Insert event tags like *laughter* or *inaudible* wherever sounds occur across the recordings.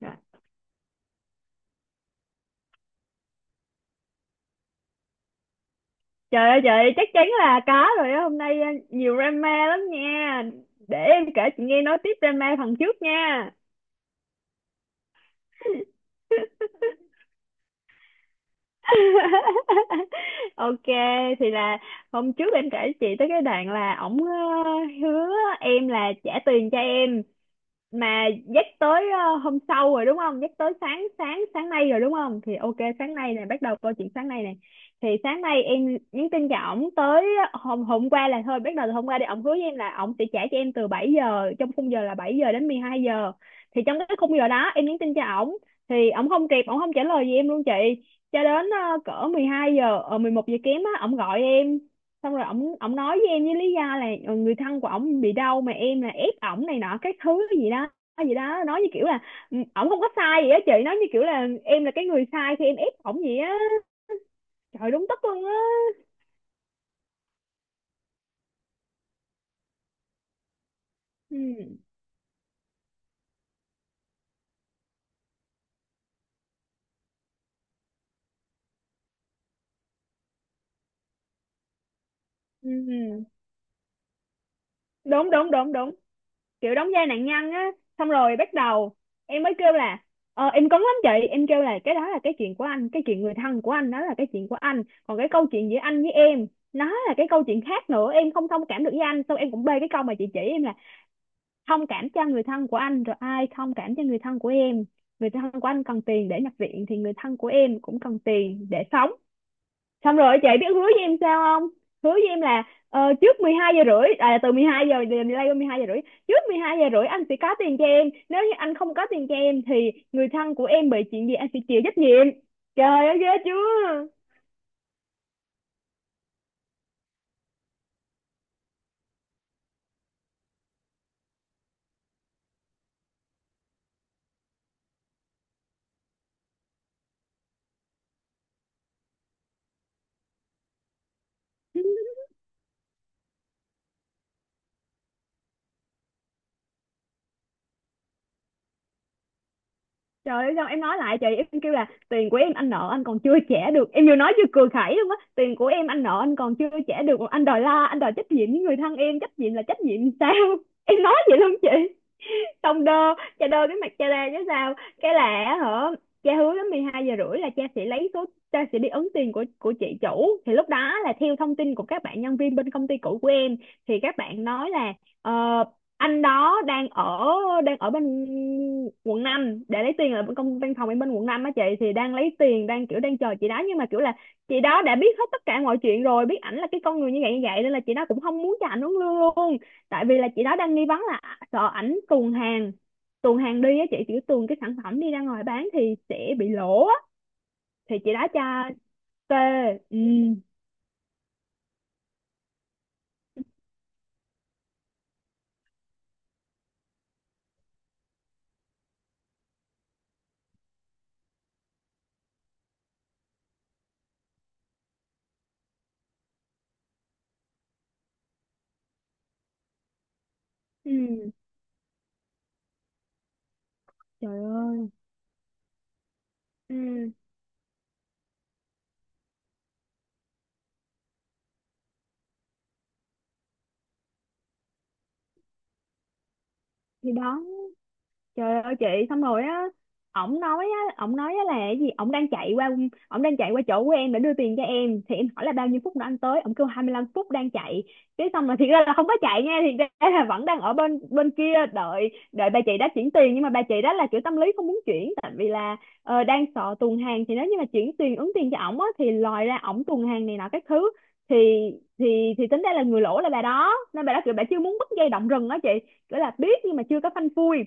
Dạ. Trời ơi, chắc chắn là có rồi á. Hôm nay nhiều drama lắm nha, để em kể chị nghe nói tiếp drama phần trước nha. *laughs* OK, thì là hôm trước em kể chị tới cái đoạn là ổng hứa em là trả tiền cho em, mà dắt tới hôm sau rồi đúng không, dắt tới sáng sáng sáng nay rồi đúng không. Thì OK, sáng nay này bắt đầu câu chuyện sáng nay này. Thì sáng nay em nhắn tin cho ổng tới hôm hôm qua là, thôi bắt đầu từ hôm qua đi, ổng hứa với em là ổng sẽ trả cho em từ 7 giờ, trong khung giờ là 7 giờ đến 12 giờ. Thì trong cái khung giờ đó em nhắn tin cho ổng, thì ổng không kịp, ổng không trả lời gì em luôn chị. Cho đến cỡ 12 giờ, ở 11 giờ kém á, ổng gọi em. Xong rồi ổng ổng nói với em với lý do là người thân của ổng bị đau, mà em là ép ổng này nọ các thứ gì đó, gì đó, nói như kiểu là ừ, ổng không có sai gì á chị, nói như kiểu là em là cái người sai khi em ép ổng gì á. Trời, đúng tức luôn á. Ừ. Ừ. Ừ. Đúng đúng đúng đúng, kiểu đóng vai nạn nhân á. Xong rồi bắt đầu em mới kêu là em cấn lắm chị. Em kêu là cái đó là cái chuyện của anh, cái chuyện người thân của anh đó là cái chuyện của anh, còn cái câu chuyện giữa anh với em nó là cái câu chuyện khác nữa, em không thông cảm được với anh. Xong em cũng bê cái câu mà chị chỉ em là thông cảm cho người thân của anh rồi ai thông cảm cho người thân của em, người thân của anh cần tiền để nhập viện thì người thân của em cũng cần tiền để sống. Xong rồi chị biết hứa với em sao không, hứa với em là trước 12 giờ rưỡi à, từ 12 giờ giờ delay qua 12 giờ rưỡi, trước 12 giờ rưỡi anh sẽ có tiền cho em, nếu như anh không có tiền cho em thì người thân của em bị chuyện gì anh sẽ chịu trách nhiệm. Trời ơi ghê chưa. Trời ơi, xong em nói lại chị, em kêu là tiền của em anh nợ anh còn chưa trả được. Em vừa nói vừa cười khẩy luôn á. Tiền của em anh nợ anh còn chưa trả được, anh đòi la, anh đòi trách nhiệm với người thân em. Trách nhiệm là trách nhiệm sao? *laughs* Em nói vậy luôn chị. Xong đơ, cha đơ cái mặt cha ra chứ sao. Cái là á hả, cha hứa đến 12 giờ rưỡi là cha sẽ lấy số, cha sẽ đi ấn tiền của chị chủ. Thì lúc đó là theo thông tin của các bạn nhân viên bên công ty cũ của em, thì các bạn nói là ờ, anh đó đang ở, đang ở bên quận 5 để lấy tiền, ở bên công văn phòng em bên quận 5 á chị, thì đang lấy tiền, đang kiểu đang chờ chị đó. Nhưng mà kiểu là chị đó đã biết hết tất cả mọi chuyện rồi, biết ảnh là cái con người như vậy như vậy, nên là chị đó cũng không muốn cho ảnh uống lương luôn. Tại vì là chị đó đang nghi vấn là sợ ảnh tuồn hàng, tuồn hàng đi á chị, chỉ tuồn cái sản phẩm đi ra ngoài bán thì sẽ bị lỗ á. Thì chị đã cho tê. Ừ. Ừ. Trời ơi. Ừ. Thì đó. Trời ơi chị, xong rồi á, ổng nói á, ổng nói á là cái gì ổng đang chạy qua, ổng đang chạy qua chỗ của em để đưa tiền cho em. Thì em hỏi là bao nhiêu phút nữa anh tới, ổng kêu 25 phút đang chạy. Cái xong rồi thiệt ra là không có chạy nha, thì ra là vẫn đang ở bên bên kia đợi, đợi bà chị đã chuyển tiền. Nhưng mà bà chị đó là kiểu tâm lý không muốn chuyển, tại vì là đang sợ tuồn hàng, thì nếu như mà chuyển tiền ứng tiền cho ổng á thì lòi ra ổng tuồn hàng này nọ các thứ. Thì thì thì tính ra là người lỗ là bà đó, nên bà đó kiểu bà chưa muốn bứt dây động rừng á chị, kiểu là biết nhưng mà chưa có phanh phui.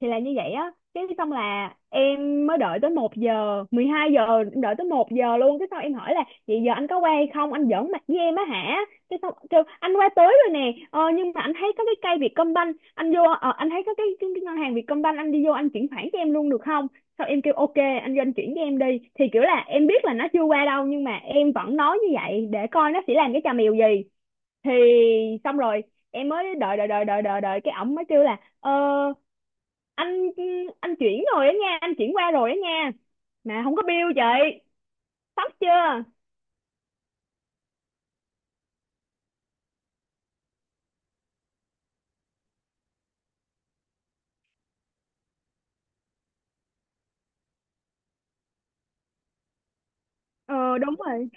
Thì là như vậy á. Cái xong là em mới đợi tới 1 giờ, 12 giờ em đợi tới 1 giờ luôn. Cái xong em hỏi là vậy giờ anh có qua hay không, anh giỡn mặt với em á hả. Cái xong kêu anh qua tới rồi nè, nhưng mà anh thấy có cái cây Vietcombank anh vô, anh thấy có cái ngân hàng Vietcombank anh đi vô, anh chuyển khoản cho em luôn được không. Xong em kêu OK, anh vô anh chuyển cho em đi. Thì kiểu là em biết là nó chưa qua đâu, nhưng mà em vẫn nói như vậy để coi nó sẽ làm cái trò mèo gì. Thì xong rồi em mới đợi đợi đợi đợi đợi đợi cái ổng mới kêu là anh anh chuyển rồi á nha, anh chuyển qua rồi á nha, mà không có bill chị. Sốc chưa. Ờ đúng rồi.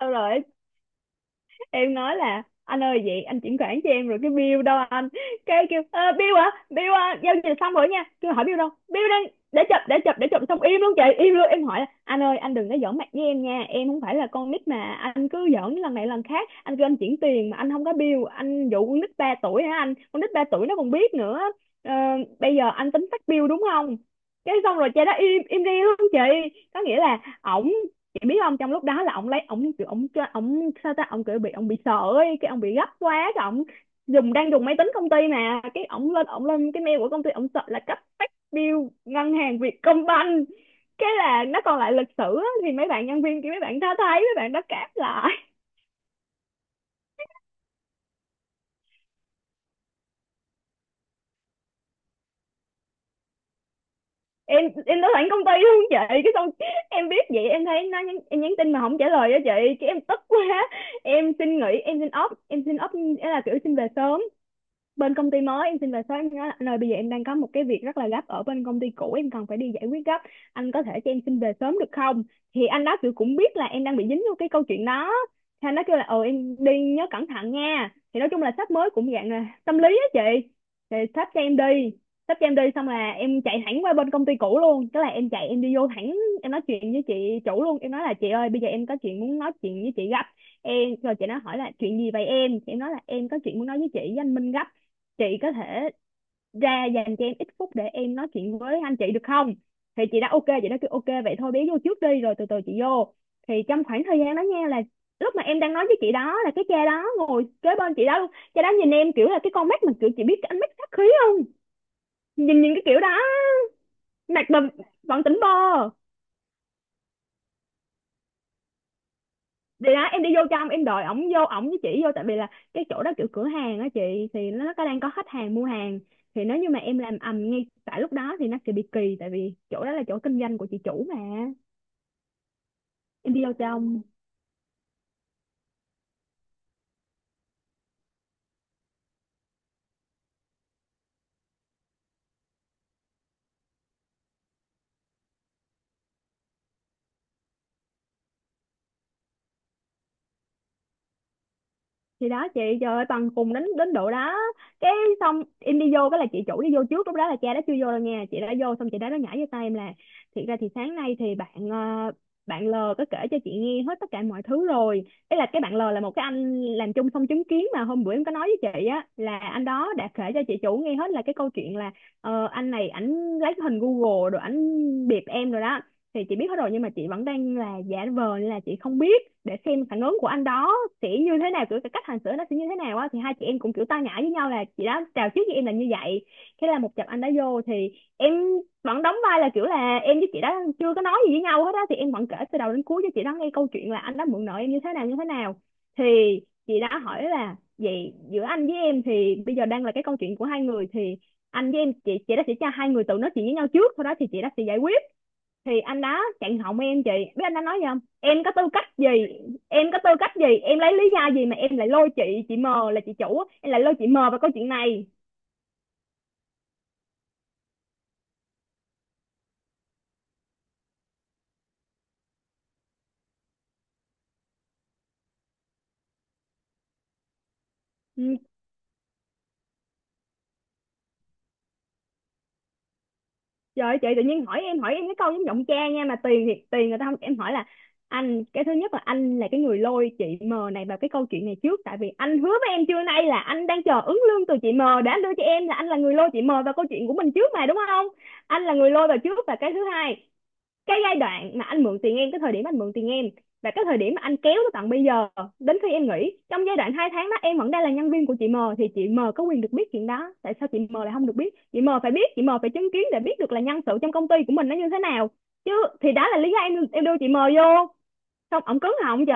Xong rồi em nói là anh ơi vậy anh chuyển khoản cho em rồi cái bill đâu anh. Cái kêu "Ờ, bill hả, bill à, giao dịch xong rồi nha." Kêu hỏi bill đâu, bill đang để chụp, để chụp. Xong im luôn chị, im luôn. Em hỏi là anh ơi, anh đừng có giỡn mặt với em nha, em không phải là con nít mà anh cứ giỡn lần này lần khác. Anh kêu anh chuyển tiền mà anh không có bill, anh dụ con nít 3 tuổi hả anh, con nít 3 tuổi nó còn biết nữa. Ờ, bây giờ anh tính phát bill đúng không. Cái xong rồi cha đó im im đi luôn chị. Có nghĩa là ổng, chị biết không, trong lúc đó là ông lấy ông kiểu ông cho ông sao ta, ông kiểu bị, ông bị sợ ấy, cái ông bị gấp quá, cái ông dùng, đang dùng máy tính công ty, mà cái ông lên, ông lên cái mail của công ty, ông sợ là cấp phát bill ngân hàng Vietcombank, cái là nó còn lại lịch sử á. Thì mấy bạn nhân viên kia, mấy bạn đã thấy, mấy bạn đã cáp lại. Em đã sẵn công ty luôn chị, cái xong em biết vậy em thấy nó nhắn, em nhắn tin mà không trả lời á chị, cái em tức quá, em xin nghỉ, em xin off, em xin off là kiểu xin về sớm bên công ty mới, em xin về sớm. Em nói anh ơi bây giờ em đang có một cái việc rất là gấp ở bên công ty cũ em cần phải đi giải quyết gấp, anh có thể cho em xin về sớm được không. Thì anh đó kiểu cũng biết là em đang bị dính vô cái câu chuyện đó, thì anh đó kêu là ừ em đi nhớ cẩn thận nha. Thì nói chung là sếp mới cũng dạng là tâm lý á chị. Thì sếp cho em đi xong là em chạy thẳng qua bên công ty cũ luôn. Tức là em chạy, em đi vô thẳng, em nói chuyện với chị chủ luôn. Em nói là chị ơi bây giờ em có chuyện muốn nói chuyện với chị gấp. Em rồi chị nó hỏi là chuyện gì vậy em, thì em nói là em có chuyện muốn nói với chị với anh Minh gấp, chị có thể ra dành cho em ít phút để em nói chuyện với anh chị được không. Thì chị đã OK, chị đã kêu OK, vậy thôi bé vô trước đi rồi từ từ chị vô. Thì trong khoảng thời gian đó nha, là lúc mà em đang nói với chị đó là cái cha đó ngồi kế bên chị đó luôn, cha đó nhìn em kiểu là cái con mắt mà kiểu, chị biết cái ánh mắt sát khí không, nhìn nhìn cái kiểu đó, mặt mà vẫn tỉnh bơ. Thì đó em đi vô trong em đòi ổng vô, ổng với chỉ vô, tại vì là cái chỗ đó kiểu cửa hàng á chị, thì nó có đang có khách hàng mua hàng, thì nếu như mà em làm ầm ngay tại lúc đó thì nó sẽ bị kỳ, tại vì chỗ đó là chỗ kinh doanh của chị chủ mà. Em đi vô trong. Thì đó chị, trời ơi, tầng cùng đến đến độ đó. Cái, xong em đi vô cái là chị chủ đi vô trước, lúc đó là cha đã chưa vô đâu nha, chị đã vô xong chị đã nó nhảy vô tay em là: thiệt ra thì sáng nay thì bạn bạn L có kể cho chị nghe hết tất cả mọi thứ rồi. Ý là cái bạn L là một cái anh làm chung xong chứng kiến mà hôm bữa em có nói với chị á, là anh đó đã kể cho chị chủ nghe hết là cái câu chuyện là anh này ảnh lấy cái hình Google rồi ảnh bịp em rồi đó. Thì chị biết hết rồi nhưng mà chị vẫn đang là giả vờ là chị không biết, để xem phản ứng của anh đó sẽ như thế nào, kiểu cái cách hành xử nó sẽ như thế nào á. Thì hai chị em cũng kiểu tao nhã với nhau, là chị đó chào trước với em là như vậy. Thế là một chập anh đã vô thì em vẫn đóng vai là kiểu là em với chị đó chưa có nói gì với nhau hết á, thì em vẫn kể từ đầu đến cuối cho chị đó nghe câu chuyện là anh đã mượn nợ em như thế nào như thế nào. Thì chị đã hỏi là vậy giữa anh với em thì bây giờ đang là cái câu chuyện của hai người, thì anh với em, chị đó sẽ cho hai người tự nói chuyện với nhau trước, sau đó thì chị đó sẽ giải quyết. Thì anh đó chặn họng em. Chị biết anh đã nói gì không? Em có tư cách gì, em có tư cách gì, em lấy lý do gì mà em lại lôi chị M là chị chủ á, em lại lôi chị M vào câu chuyện này. Ừ, trời ơi, chị tự nhiên hỏi em, hỏi em cái câu giống giọng cha nha, mà tiền thì tiền người ta không. Em hỏi là: anh, cái thứ nhất là anh là cái người lôi chị M này vào cái câu chuyện này trước, tại vì anh hứa với em trưa nay là anh đang chờ ứng lương từ chị M để anh đưa cho em, là anh là người lôi chị M vào câu chuyện của mình trước mà đúng không? Anh là người lôi vào trước. Và cái thứ hai, cái giai đoạn mà anh mượn tiền em, cái thời điểm anh mượn tiền em và cái thời điểm mà anh kéo tới tận bây giờ, đến khi em nghỉ, trong giai đoạn hai tháng đó em vẫn đang là nhân viên của chị M, thì chị M có quyền được biết chuyện đó. Tại sao chị M lại không được biết? Chị M phải biết, chị M phải chứng kiến để biết được là nhân sự trong công ty của mình nó như thế nào chứ. Thì đó là lý do em đưa chị M vô. Xong ổng cứng họng chị,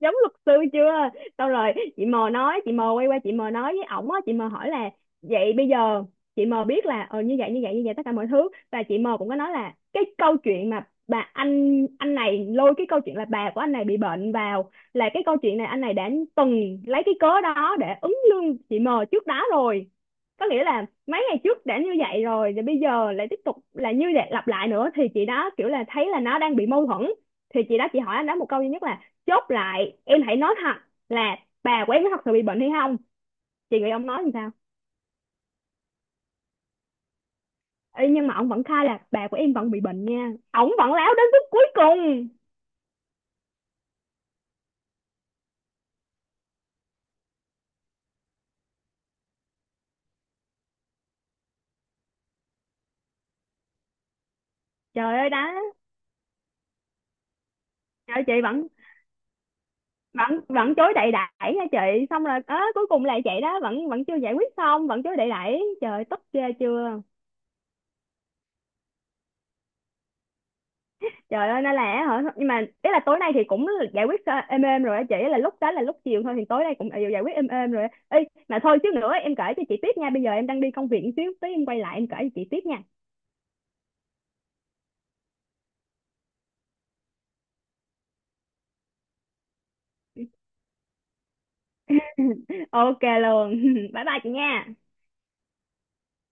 giống luật sư chưa? Xong rồi chị M nói, chị M quay qua chị M nói với ổng á, chị M hỏi là vậy bây giờ chị M biết là như vậy như vậy như vậy, tất cả mọi thứ. Và chị M cũng có nói là cái câu chuyện mà bà anh này lôi cái câu chuyện là bà của anh này bị bệnh vào, là cái câu chuyện này anh này đã từng lấy cái cớ đó để ứng lương chị M trước đó rồi. Có nghĩa là mấy ngày trước đã như vậy rồi, rồi bây giờ lại tiếp tục là như vậy, lặp lại nữa, thì chị đó kiểu là thấy là nó đang bị mâu thuẫn. Thì chị đó chị hỏi anh đó một câu duy nhất là: chốt lại em hãy nói thật là bà của em có thật sự bị bệnh hay không? Chị nghĩ ông nói làm sao? Ê, nhưng mà ông vẫn khai là bà của em vẫn bị bệnh nha, ông vẫn láo đến phút cuối cùng. Trời ơi đó. Trời ơi, chị vẫn vẫn vẫn chối đậy đẩy nha chị. Xong rồi ớ cuối cùng là vậy đó, vẫn vẫn chưa giải quyết xong, vẫn chối đậy đẩy, trời ơi, tức ghê chưa. Trời ơi, nên là hả? Nhưng mà ý là tối nay thì cũng giải quyết êm êm rồi á chị. Là lúc đó là lúc chiều thôi, thì tối nay cũng đều giải quyết êm êm rồi á. Ê, mà thôi xíu nữa em kể cho chị tiếp nha. Bây giờ em đang đi công việc một xíu, tí em quay lại em kể cho chị tiếp nha. Ok luôn. *laughs* Bye bye chị nha.